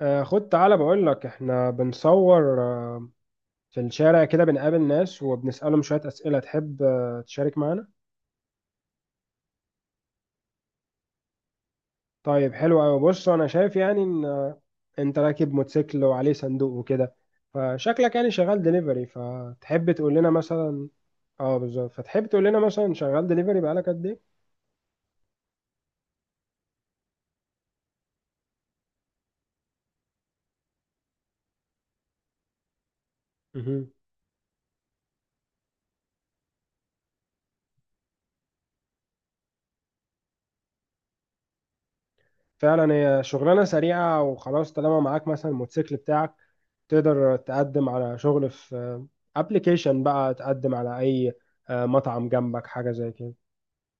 خد تعالى بقول لك احنا بنصور في الشارع كده بنقابل ناس وبنسألهم شوية أسئلة تحب تشارك معانا. طيب، حلو أوي. بص أنا شايف يعني إن أنت راكب موتوسيكل وعليه صندوق وكده، فشكلك يعني شغال دليفري. فتحب تقول لنا مثلا؟ اه بالظبط، فتحب تقول لنا مثلا شغال دليفري بقالك قد إيه؟ مهم. فعلا هي شغلانة سريعة وخلاص، طالما معاك مثلا الموتوسيكل بتاعك تقدر تقدم على شغل في ابلكيشن بقى، تقدم على اي مطعم جنبك، حاجة زي كده.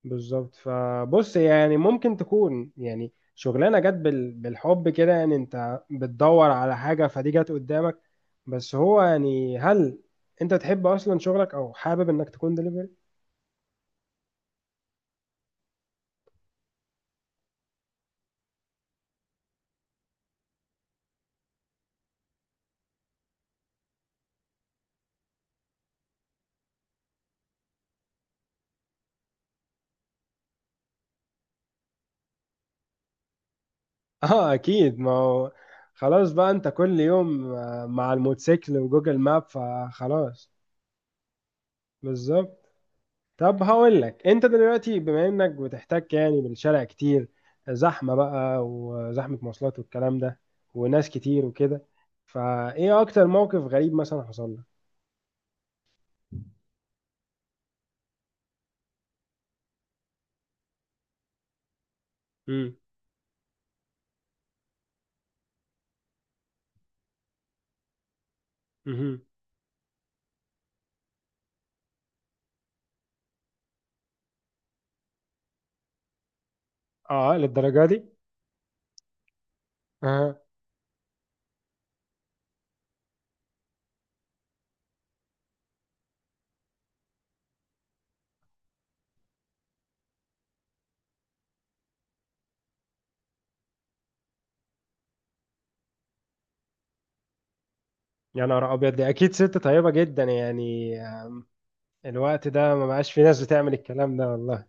بالظبط. فبص يعني ممكن تكون يعني شغلانة جت بالحب كده، يعني انت بتدور على حاجة فدي جت قدامك. بس هو يعني، هل انت تحب اصلا شغلك، او حابب انك تكون دليفري؟ اه اكيد، ما هو خلاص بقى انت كل يوم مع الموتوسيكل وجوجل ماب فخلاص. بالظبط. طب هقول لك، انت دلوقتي بما انك بتحتك يعني بالشارع كتير، زحمة بقى وزحمة مواصلات والكلام ده، وناس كتير وكده، فايه اكتر موقف غريب مثلا حصل لك؟ امم. امم. اه للدرجة دي؟ اه. يا نهار ابيض، دي اكيد ست طيبة جدا يعني. الوقت ده ما بقاش في ناس بتعمل الكلام ده والله.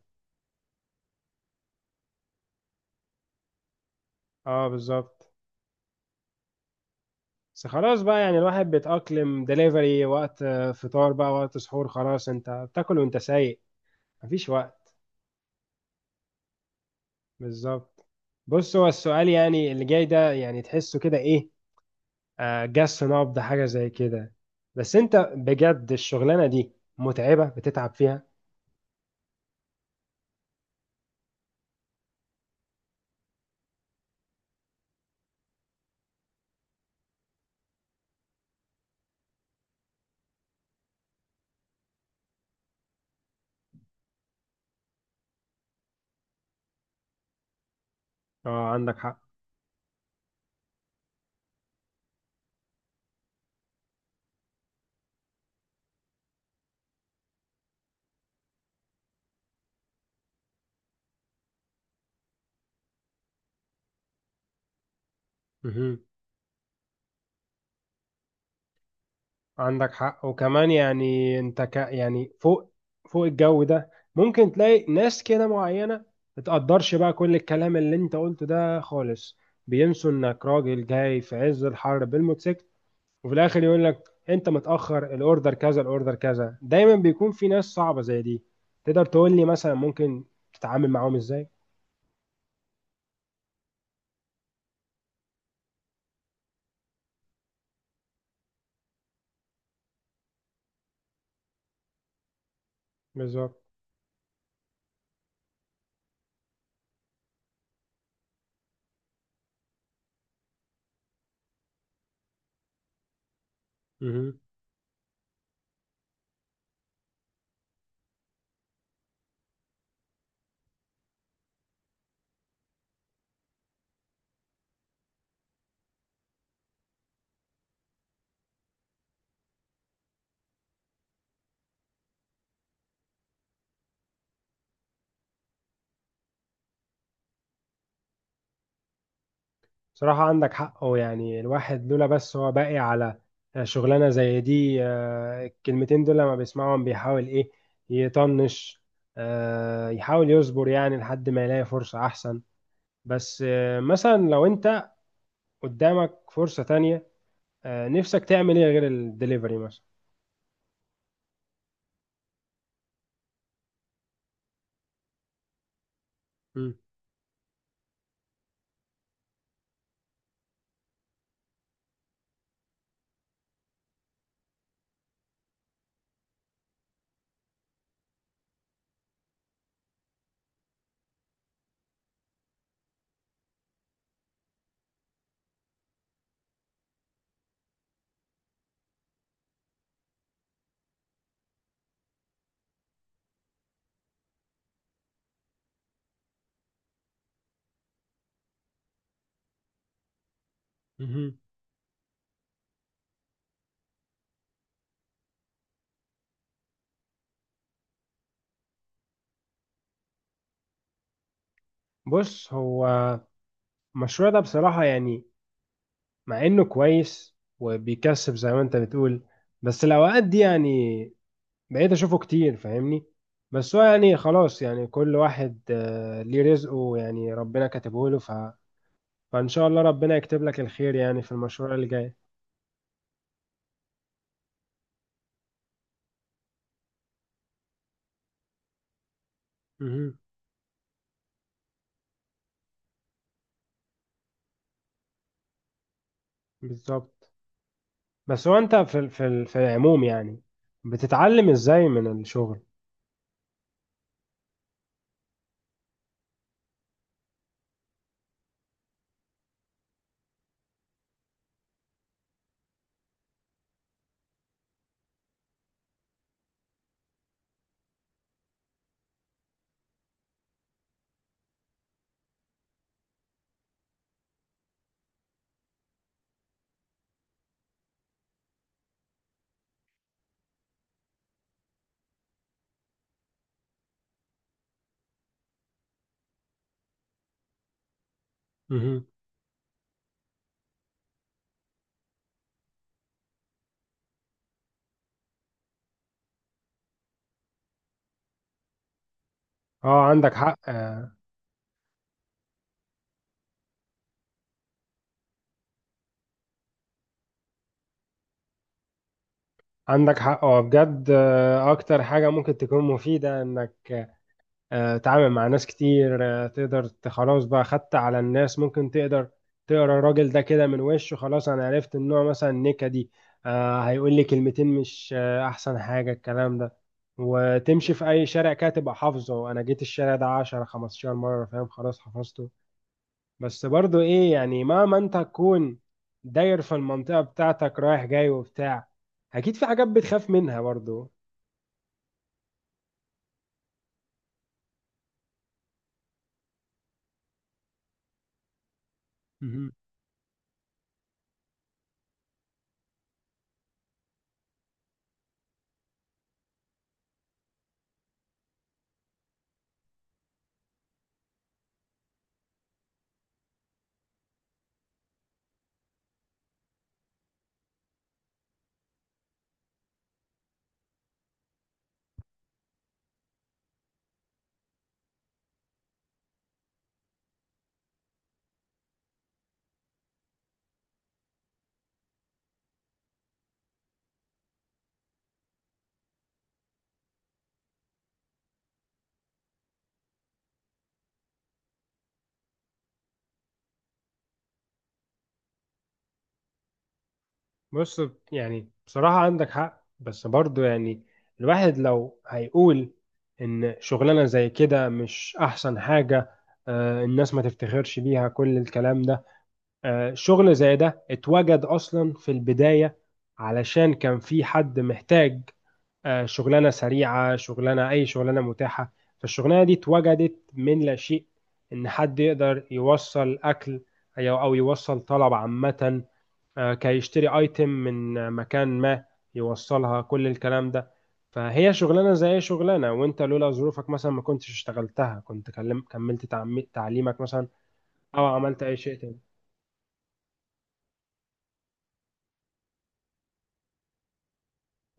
اه بالظبط. بس خلاص بقى يعني الواحد بيتأقلم، دليفري وقت فطار بقى وقت سحور، خلاص انت بتاكل وانت سايق، مفيش وقت. بالظبط. بص هو السؤال يعني اللي جاي ده، يعني تحسه كده ايه، آه جس نبض حاجة زي كده، بس انت بجد الشغلانة دي متعبة؟ بتتعب فيها؟ اه عندك حق. مهم. عندك حق. وكمان يعني انت ك يعني فوق فوق الجو ده ممكن تلاقي ناس كده معينة متقدرش بقى كل الكلام اللي انت قلته ده خالص، بينسوا انك راجل جاي في عز الحر بالموتوسيكل، وفي الاخر يقول لك انت متاخر، الاوردر كذا الاوردر كذا. دايما بيكون في ناس صعبه زي دي. تقدر تقول لي مثلا ممكن تتعامل معاهم ازاي؟ بالظبط. مهم. صراحه عندك حق. هو يعني الواحد لولا، بس هو باقي على شغلانه زي دي الكلمتين دول لما بيسمعهم بيحاول ايه، يطنش، يحاول يصبر يعني لحد ما يلاقي فرصه احسن. بس مثلا لو انت قدامك فرصه تانية، نفسك تعمل ايه غير الدليفري مثلا؟ مم. مهم. بص هو المشروع ده بصراحة يعني، مع إنه كويس وبيكسب زي ما أنت بتقول، بس الأوقات دي يعني بقيت أشوفه كتير، فاهمني؟ بس هو يعني خلاص، يعني كل واحد ليه رزقه، يعني ربنا كاتبه له ف... فإن شاء الله ربنا يكتب لك الخير يعني في المشروع اللي جاي. مهم. بالظبط. بس هو أنت في العموم يعني بتتعلم إزاي من الشغل؟ مهم. اه عندك حق. عندك حق. هو بجد اكتر حاجة ممكن تكون مفيدة انك تتعامل مع ناس كتير، تقدر خلاص بقى خدت على الناس، ممكن تقدر تقرا الراجل ده كده من وشه. خلاص انا عرفت ان هو مثلا نكدي، هيقول لي كلمتين مش احسن حاجة الكلام ده. وتمشي في اي شارع كده تبقى حافظه، انا جيت الشارع ده 10 15 مرة، فاهم؟ خلاص حفظته. بس برضو ايه يعني، مهما انت تكون داير في المنطقة بتاعتك رايح جاي وبتاع، اكيد في حاجات بتخاف منها برضو؟ مهم. بص يعني بصراحة عندك حق، بس برضو يعني الواحد لو هيقول إن شغلانة زي كده مش أحسن حاجة، الناس ما تفتخرش بيها، كل الكلام ده، شغل زي ده اتوجد أصلا في البداية علشان كان في حد محتاج شغلانه سريعه، شغلانه، اي شغلانه متاحه. فالشغلانه دي اتوجدت من لا شيء، ان حد يقدر يوصل اكل، او يوصل طلب، عامه كي يشتري ايتم من مكان ما، يوصلها، كل الكلام ده. فهي شغلانه زي اي شغلانه، وانت لولا ظروفك مثلا ما كنتش اشتغلتها، كنت كلم كملت تعليمك مثلا، او عملت اي شيء تاني.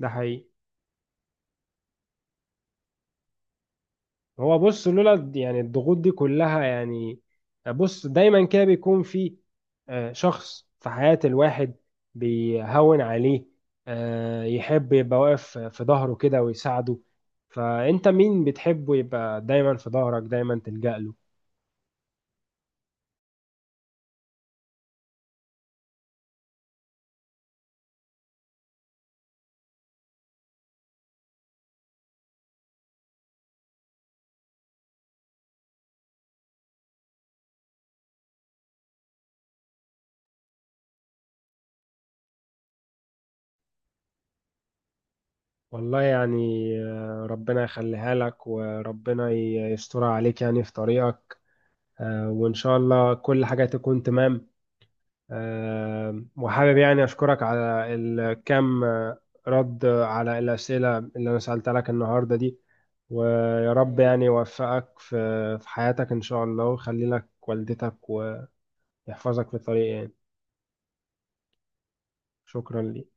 ده حقيقي. هو بص لولا يعني الضغوط دي كلها يعني. بص دايما كده بيكون في شخص في حياة الواحد بيهون عليه، يحب يبقى واقف في ظهره كده ويساعده. فأنت مين بتحبه يبقى دايما في ظهرك، دايما تلجأ له؟ والله يعني ربنا يخليها لك، وربنا يسترها عليك يعني في طريقك، وإن شاء الله كل حاجة تكون تمام. آم، وحابب يعني أشكرك على الكم رد على الأسئلة اللي أنا سألتها لك النهاردة دي، ويا رب يعني يوفقك في في حياتك إن شاء الله، ويخلي لك والدتك، ويحفظك في طريق يعني. شكرا لي.